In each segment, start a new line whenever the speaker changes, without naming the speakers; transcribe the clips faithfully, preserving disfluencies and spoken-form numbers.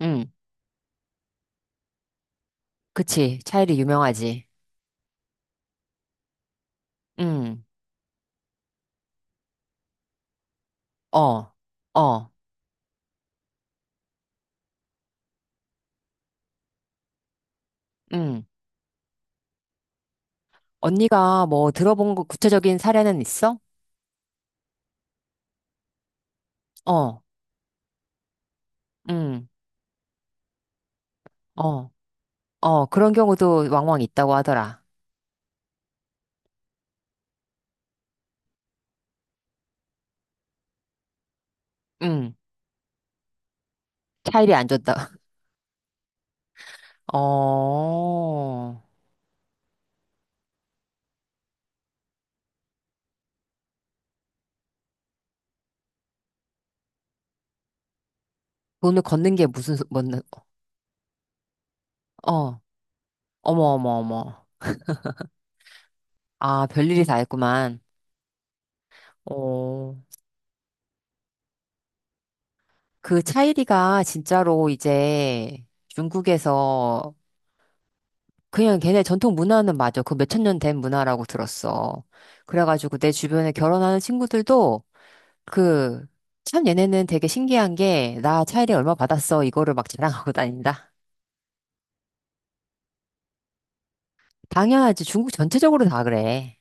응, 그치. 차일이 유명하지. 응, 어, 어, 응. 언니가 뭐 들어본 거 구체적인 사례는 있어? 어, 응, 어, 어, 그런 경우도 왕왕 있다고 하더라. 응, 차일이 안 줬다. 어, 돈을 걷는 게 무슨, 소- 뭔, 어, 어머, 어머, 어머. 아, 별일이 다 했구만. 어, 그 차일이가 진짜로 이제 중국에서 그냥 걔네 전통 문화는 맞아. 그 몇천 년 된 문화라고 들었어. 그래가지고 내 주변에 결혼하는 친구들도 그, 참 얘네는 되게 신기한 게, 나 차일이 얼마 받았어. 이거를 막 자랑하고 다닌다. 당연하지. 중국 전체적으로 다 그래.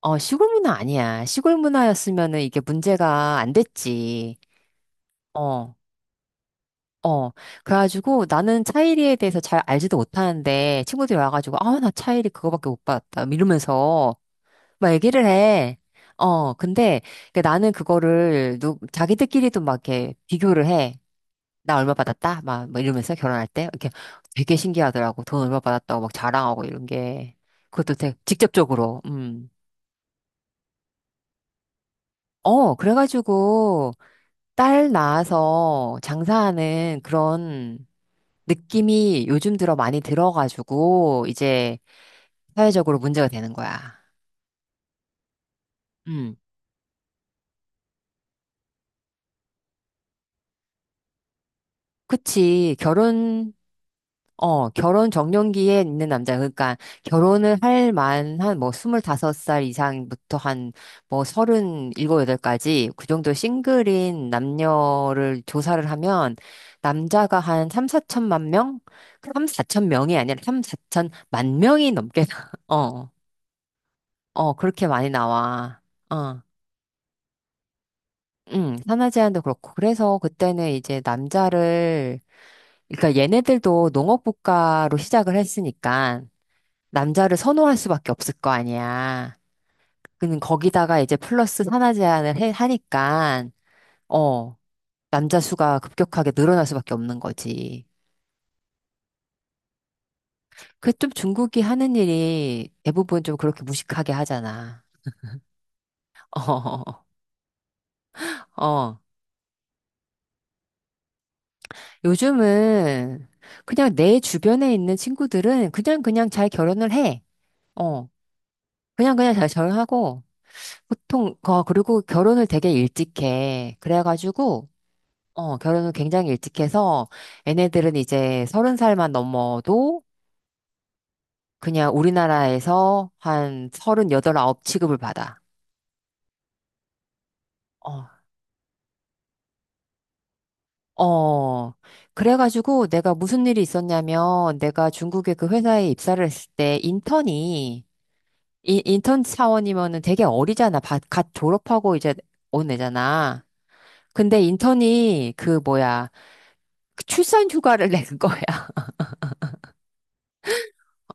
어, 시골 문화 아니야. 시골 문화였으면은 이게 문제가 안 됐지. 어. 어, 그래가지고 나는 차일이에 대해서 잘 알지도 못하는데 친구들이 와가지고, 아, 나 차일이 그거밖에 못 받았다. 이러면서 막 얘기를 해. 어, 근데 그 나는 그거를 누, 자기들끼리도 막 이렇게 비교를 해. 나 얼마 받았다? 막, 뭐 이러면서 결혼할 때. 이렇게 되게 신기하더라고. 돈 얼마 받았다고 막 자랑하고 이런 게. 그것도 되게 직접적으로. 음. 어, 그래가지고 딸 낳아서 장사하는 그런 느낌이 요즘 들어 많이 들어가지고 이제 사회적으로 문제가 되는 거야. 음. 그치. 결혼 어, 결혼 적령기에 있는 남자. 그러니까 결혼을 할 만한 뭐 스물다섯 살 이상부터 한 뭐 서른일곱, 여덟까지 그 정도 싱글인 남녀를 조사를 하면 남자가 한 삼, 사천만 명? 삼, 사천 명이 아니라 삼, 사천만 명이 넘게, 나- 어, 어, 그렇게 많이 나와. 어, 응, 산하 제한도 그렇고. 그래서 그때는 이제 남자를, 그러니까 얘네들도 농업국가로 시작을 했으니까 남자를 선호할 수밖에 없을 거 아니야. 그는 거기다가 이제 플러스 하나 제한을 해, 하니까, 어, 남자 수가 급격하게 늘어날 수밖에 없는 거지. 그 좀 중국이 하는 일이 대부분 좀 그렇게 무식하게 하잖아. 어, 어. 요즘은 그냥 내 주변에 있는 친구들은 그냥 그냥 잘 결혼을 해. 어, 그냥 그냥 잘 결혼하고. 보통, 거, 그리고 결혼을 되게 일찍 해. 그래가지고, 어, 결혼을 굉장히 일찍 해서 얘네들은 이제 서른 살만 넘어도 그냥 우리나라에서 한 서른 여덟 아홉 취급을 받아. 어. 어, 그래가지고 내가 무슨 일이 있었냐면 내가 중국의 그 회사에 입사를 했을 때 인턴이, 인, 인턴 사원이면은 되게 어리잖아. 바- 갓 졸업하고 이제 온 애잖아. 근데 인턴이 그 뭐야, 그 출산 휴가를 낸 거야.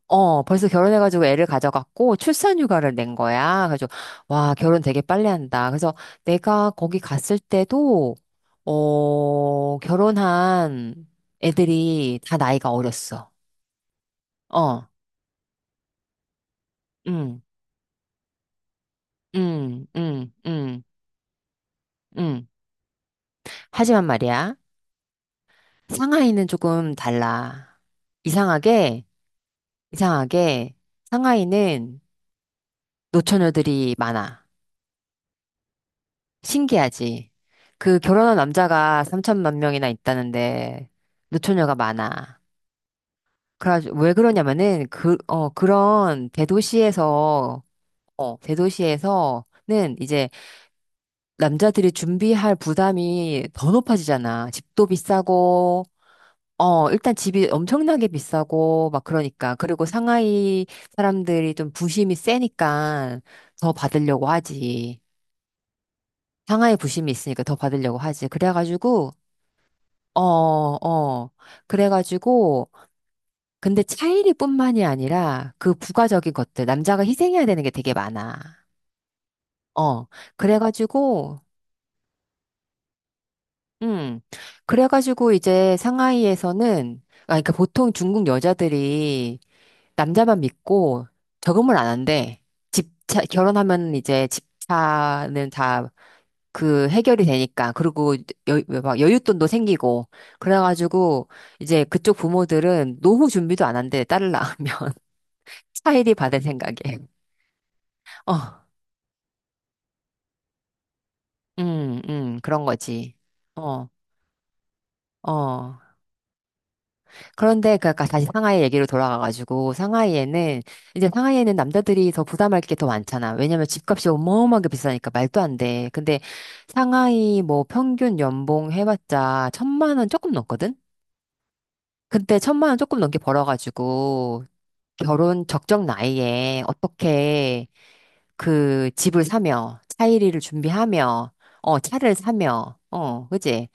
어, 벌써 결혼해가지고 애를 가져갔고 출산 휴가를 낸 거야. 그래서 와, 결혼 되게 빨리 한다. 그래서 내가 거기 갔을 때도 어, 결혼한 애들이 다 나이가 어렸어. 어, 응, 응, 응, 응, 응. 하지만 말이야, 상하이는 조금 달라. 이상하게, 이상하게 상하이는 노처녀들이 많아. 신기하지. 그 결혼한 남자가 삼천만 명이나 있다는데 노처녀가 많아. 그래가지고 왜 그러냐면은 그, 어, 그런 대도시에서 어, 대도시에서는 이제 남자들이 준비할 부담이 더 높아지잖아. 집도 비싸고 어, 일단 집이 엄청나게 비싸고 막 그러니까. 그리고 상하이 사람들이 좀 부심이 세니까 더 받으려고 하지. 상하이 부심이 있으니까 더 받으려고 하지. 그래가지고 어, 어. 그래가지고, 근데 차이리뿐만이 아니라 그 부가적인 것들, 남자가 희생해야 되는 게 되게 많아. 어, 그래가지고, 음, 그래가지고 이제 상하이에서는, 아, 그러니까 보통 중국 여자들이 남자만 믿고 저금을 안 한대. 집차, 결혼하면 이제 집차는 다 그 해결이 되니까 그리고 여, 막 여윳돈도 생기고 그래가지고 이제 그쪽 부모들은 노후 준비도 안 한대 딸을 낳으면 차일이 받을 생각에 어, 음, 음, 그런 거지. 어, 어. 그런데 그 아까 다시 상하이 얘기로 돌아가가지고 상하이에는 이제 상하이에는 남자들이 더 부담할 게 더 많잖아. 왜냐면 집값이 어마어마하게 비싸니까 말도 안 돼. 근데 상하이 뭐 평균 연봉 해봤자 천만 원 조금 넘거든? 근데 천만 원 조금 넘게 벌어가지고 결혼 적정 나이에 어떻게 그 집을 사며 차일이를 준비하며 어 차를 사며 어 그지?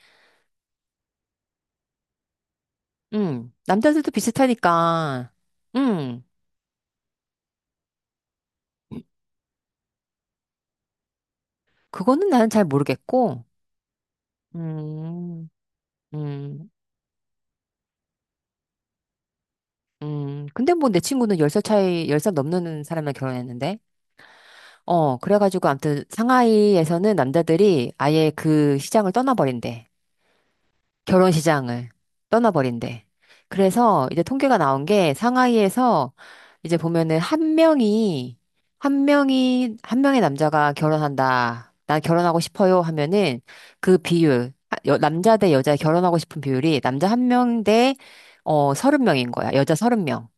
음 남자들도 비슷하니까 음 그거는 나는 잘 모르겠고 음 음, 음. 근데 뭐 내 친구는 열 살 차이 열 살 넘는 사람이랑 결혼했는데 어 그래가지고 아무튼 상하이에서는 남자들이 아예 그 시장을 떠나버린대 결혼 시장을 떠나버린대. 그래서 이제 통계가 나온 게 상하이에서 이제 보면은 한 명이, 한 명이, 한 명의 남자가 결혼한다. 나 결혼하고 싶어요 하면은 그 비율, 아, 여- 남자 대 여자 결혼하고 싶은 비율이 남자 한 명 대, 어, 서른 명인 거야. 여자 서른 명.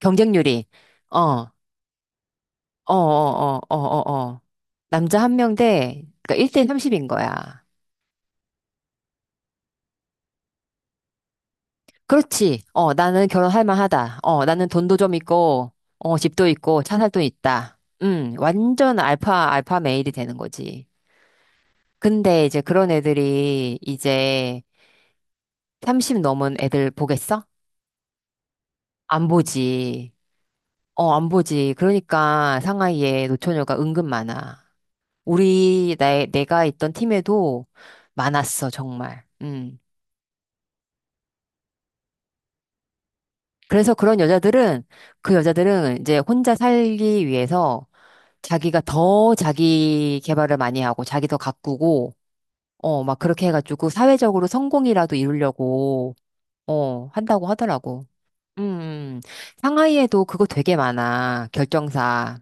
경쟁률이. 어, 어, 어, 어, 어, 어, 어. 남자 한 명 대, 그러니까 일 대 삼십 인 거야. 그렇지. 어, 나는 결혼할 만하다. 어, 나는 돈도 좀 있고, 어, 집도 있고, 차 살 돈 있다. 음, 완전 알파, 알파 메일이 되는 거지. 근데 이제 그런 애들이 이제 삼십 넘은 애들 보겠어? 안 보지. 어, 안 보지. 그러니까 상하이에 노처녀가 은근 많아. 우리, 나, 내가 있던 팀에도 많았어, 정말. 음. 그래서 그런 여자들은, 그 여자들은 이제 혼자 살기 위해서 자기가 더 자기 개발을 많이 하고 자기도 가꾸고 어, 막 그렇게 해가지고 사회적으로 성공이라도 이루려고 어, 한다고 하더라고. 음. 음. 상하이에도 그거 되게 많아. 결정사.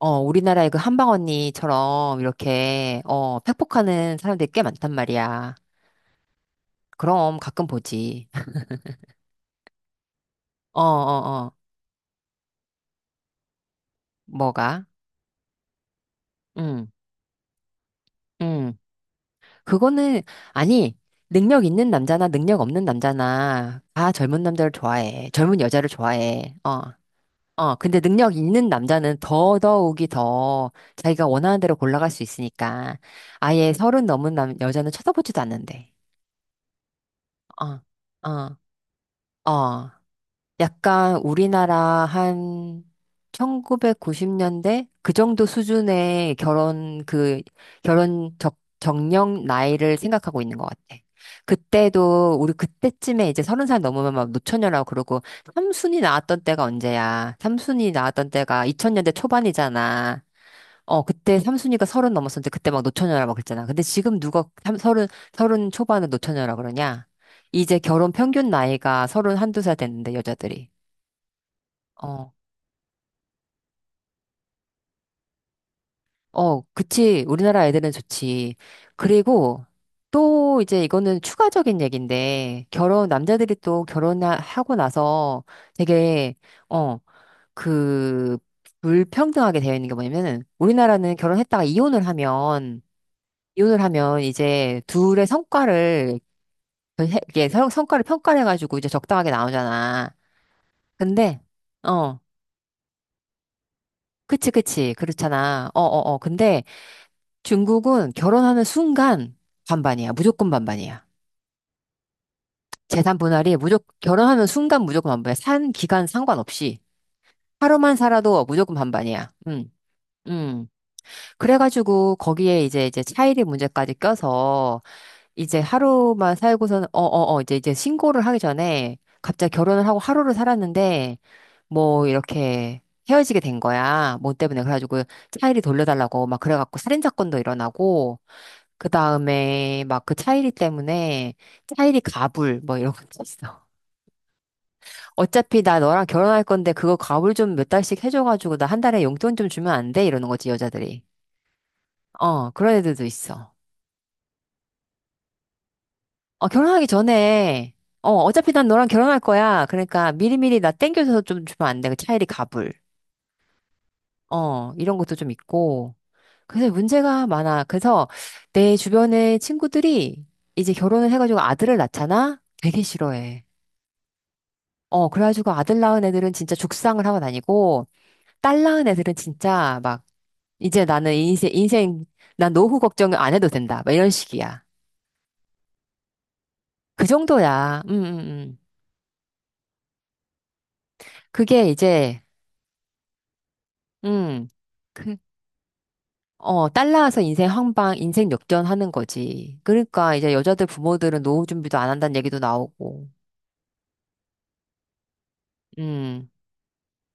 어, 우리나라의 그 한방 언니처럼 이렇게 어, 팩폭하는 사람들이 꽤 많단 말이야. 그럼 가끔 보지. 어, 어, 어. 뭐가? 응. 응. 그거는, 아니, 능력 있는 남자나 능력 없는 남자나 다 젊은 남자를 좋아해. 젊은 여자를 좋아해. 어, 어. 근데 능력 있는 남자는 더더욱이 더 자기가 원하는 대로 골라갈 수 있으니까 아예 서른 넘은 남, 여자는 쳐다보지도 않는데. 어, 어, 어. 약간 우리나라 한 천구백구십 년대 그 정도 수준의 결혼 그 결혼 적 정령 나이를 생각하고 있는 것 같아. 그때도 우리 그때쯤에 이제 서른 살 넘으면 막 노처녀라고 그러고 삼순이 나왔던 때가 언제야? 삼순이 나왔던 때가 이천 년대 초반이잖아. 어 그때 삼순이가 서른 넘었었는데 그때 막 노처녀라 막 그랬잖아. 근데 지금 누가 삼- 서른 서른 초반에 노처녀라 그러냐? 이제 결혼 평균 나이가 서른 한두 살 됐는데 여자들이. 어, 어, 그치. 우리나라 애들은 좋지. 그리고 또 이제 이거는 추가적인 얘기인데, 결혼, 남자들이 또 결혼하고 나서 되게, 어, 그, 불평등하게 되어 있는 게 뭐냐면은, 우리나라는 결혼했다가 이혼을 하면, 이혼을 하면 이제 둘의 성과를, 해- 이게 성- 성과를 평가를 해가지고 이제 적당하게 나오잖아. 근데, 어, 그치, 그치. 그렇잖아. 어, 어, 어. 근데, 중국은 결혼하는 순간 반반이야. 무조건 반반이야. 재산 분할이 무조건 결혼하는 순간 무조건 반반이야. 산 기간 상관없이 하루만 살아도 무조건 반반이야. 음. 음. 그래가지고 거기에 이제 이제 차일이 문제까지 껴서 이제 하루만 살고서는 어 어 어 이제 이제 신고를 하기 전에 갑자기 결혼을 하고 하루를 살았는데 뭐 이렇게 헤어지게 된 거야. 뭐 때문에 그래가지고 차일이 돌려달라고 막 그래갖고 살인 사건도 일어나고 그 다음에 막 그 차이리 때문에 차이리 가불 뭐 이런 것도 있어. 어차피 나 너랑 결혼할 건데 그거 가불 좀 몇 달씩 해줘가지고 나 한 달에 용돈 좀 주면 안 돼? 이러는 거지 여자들이. 어 그런 애들도 있어. 어 결혼하기 전에 어 어차피 난 너랑 결혼할 거야. 그러니까 미리미리 나 땡겨줘서 좀 주면 안 돼? 그 차이리 가불. 어 이런 것도 좀 있고. 그래서 문제가 많아. 그래서 내 주변의 친구들이 이제 결혼을 해가지고 아들을 낳잖아? 되게 싫어해. 어, 그래가지고 아들 낳은 애들은 진짜 죽상을 하고 다니고, 딸 낳은 애들은 진짜 막, 이제 나는 인생, 인생, 난 노후 걱정을 안 해도 된다. 막 이런 식이야. 그 정도야. 음, 음, 음. 그게 이제, 음, 그, 어, 딸 낳아서 인생 황방, 인생 역전하는 거지. 그러니까 이제 여자들 부모들은 노후 준비도 안 한다는 얘기도 나오고, 음.